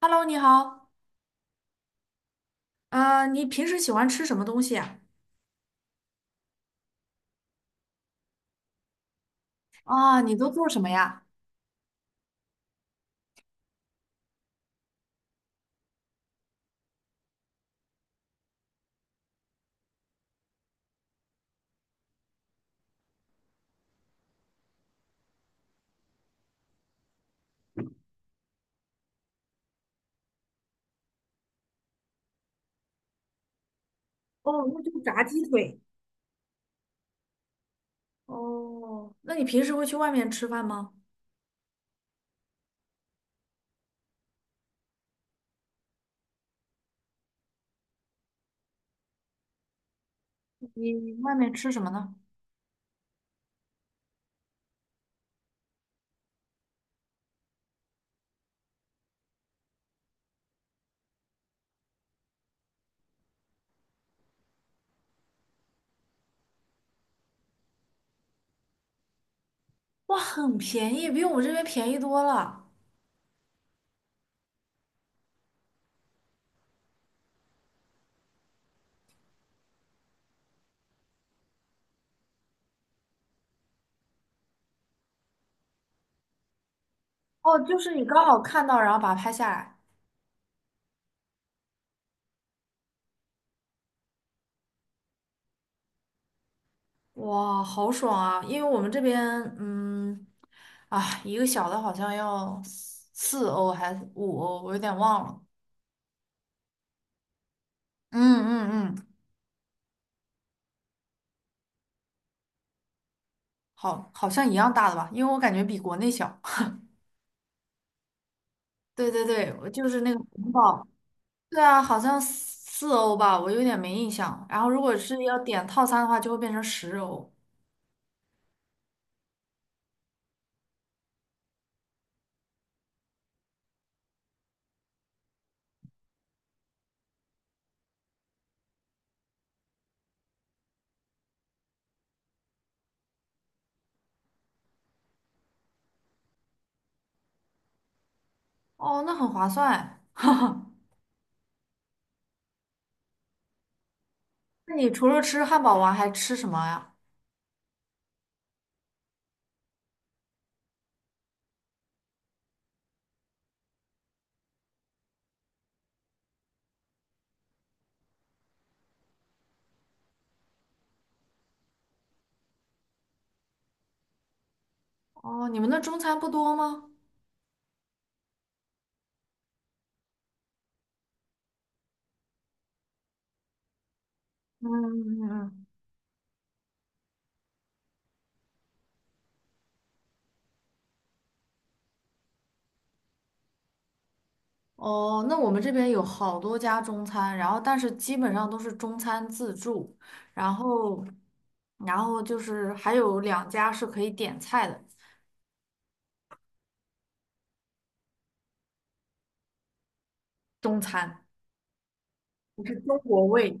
Hello，你好，你平时喜欢吃什么东西啊？啊，你都做什么呀？哦，那就是炸鸡腿。哦，那你平时会去外面吃饭吗？你外面吃什么呢？很便宜，比我们这边便宜多了。哦，就是你刚好看到，然后把它拍下来，哇，好爽啊！因为我们这边，嗯，啊，一个小的好像要四欧还是五欧，我有点忘了，嗯嗯嗯，好，好像一样大的吧，因为我感觉比国内小。对对对，我就是那个红宝，对啊，好像四欧吧，我有点没印象。然后如果是要点套餐的话，就会变成十欧。哦，那很划算。那你除了吃汉堡王还吃什么呀？哦，你们那中餐不多吗？嗯嗯嗯。哦，那我们这边有好多家中餐，然后但是基本上都是中餐自助，然后然后就是还有两家是可以点菜的中餐，不是中国味。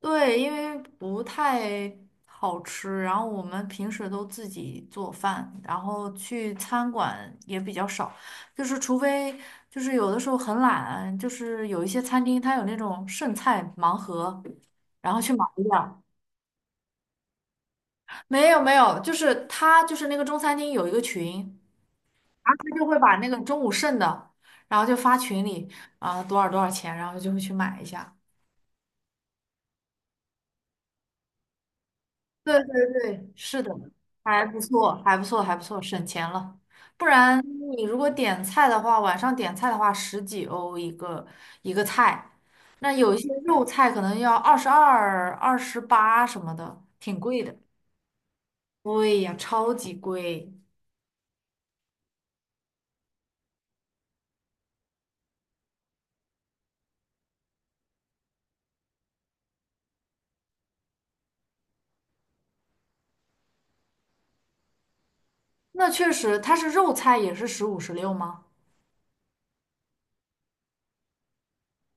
对，因为不太好吃，然后我们平时都自己做饭，然后去餐馆也比较少，就是除非就是有的时候很懒，就是有一些餐厅它有那种剩菜盲盒，然后去买一点儿。没有没有，就是它就是那个中餐厅有一个群，然后他就会把那个中午剩的，然后就发群里啊多少多少钱，然后就会去买一下。对对对，是的，还不错，还不错，还不错，省钱了。不然你如果点菜的话，晚上点菜的话，十几欧一个一个菜，那有一些肉菜可能要二十二、二十八什么的，挺贵的。对呀，超级贵。那确实，它是肉菜也是十五、十六吗？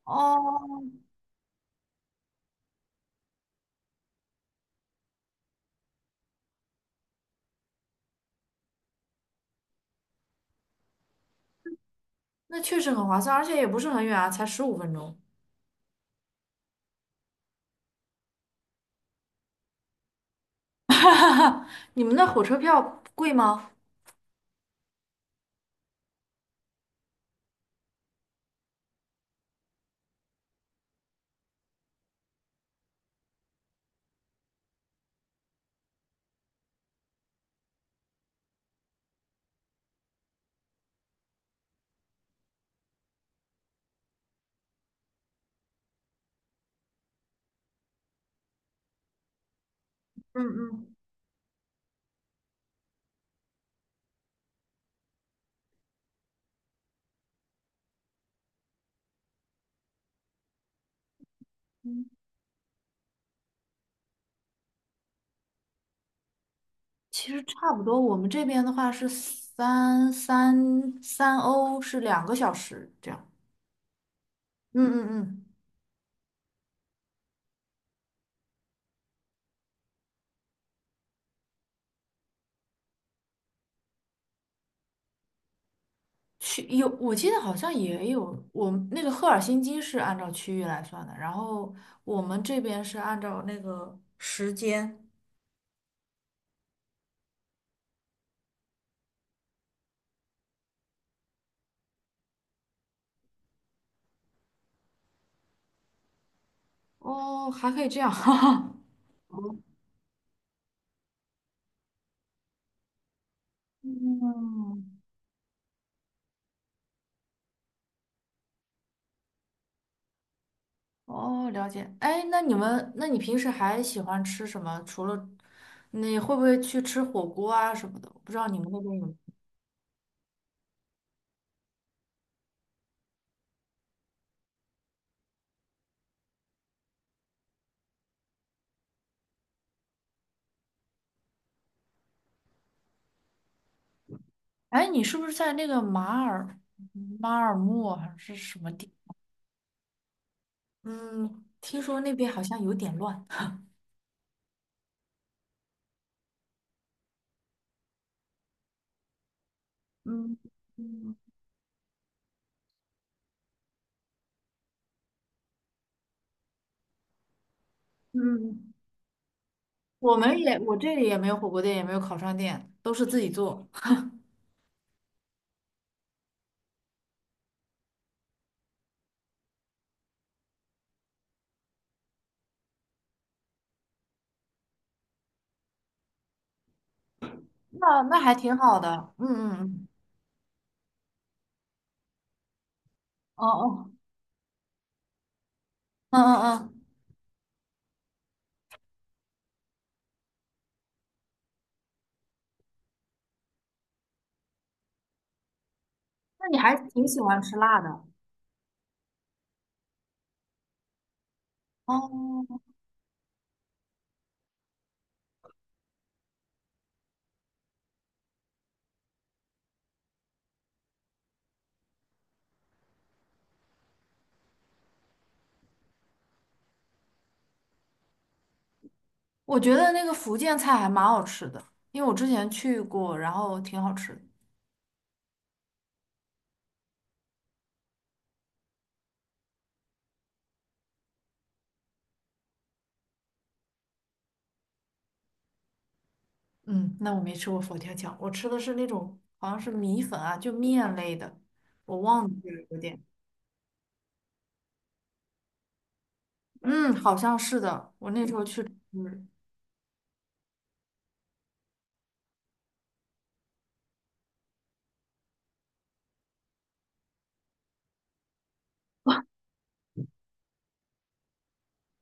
哦，那确实很划算，而且也不是很远啊，才十五分钟。你们那火车票贵吗？嗯嗯。其实差不多，我们这边的话是三欧是两个小时这样。嗯嗯嗯，区有我记得好像也有，我们那个赫尔辛基是按照区域来算的，然后我们这边是按照那个时间。哦，还可以这样，哈哈。嗯，哦，了解。哎，那你们，那你平时还喜欢吃什么？除了你会不会去吃火锅啊什么的？我不知道你们那边有。哎，你是不是在那个马尔默还是什么地？嗯，听说那边好像有点乱。嗯嗯嗯，我这里也没有火锅店，也没有烤串店，都是自己做。那那还挺好的。嗯嗯嗯，哦哦，嗯嗯嗯，那你还挺喜欢吃辣的。哦，我觉得那个福建菜还蛮好吃的，因为我之前去过，然后挺好吃的。嗯，那我没吃过佛跳墙，我吃的是那种好像是米粉啊，就面类的，我忘记了有点。嗯，好像是的，我那时候去吃，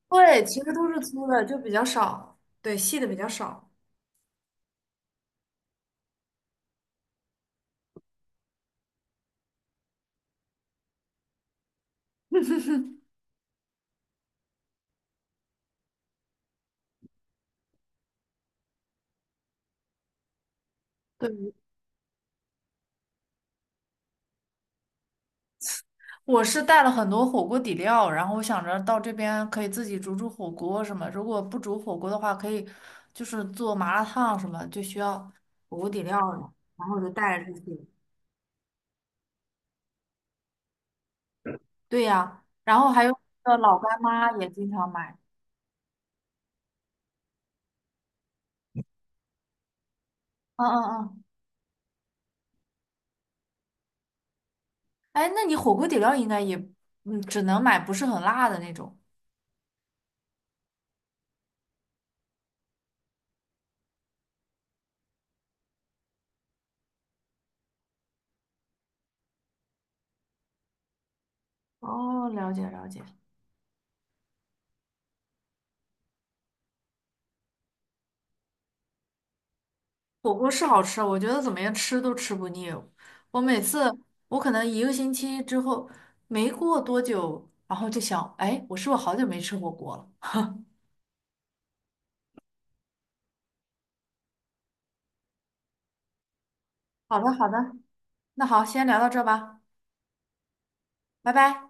对，其实都是粗的，就比较少，对，细的比较少。对，我是带了很多火锅底料，然后我想着到这边可以自己煮煮火锅什么，如果不煮火锅的话，可以就是做麻辣烫什么，就需要火锅底料了，然后我就带了这些。对呀，然后还有那个老干妈也经常买。嗯嗯嗯哎，那你火锅底料应该也，嗯，只能买不是很辣的那种。哦，了解了解。火锅是好吃，我觉得怎么样吃都吃不腻。我每次，我可能一个星期之后，没过多久，然后就想，哎，我是不是好久没吃火锅了？好的好的，那好，先聊到这儿吧，拜拜。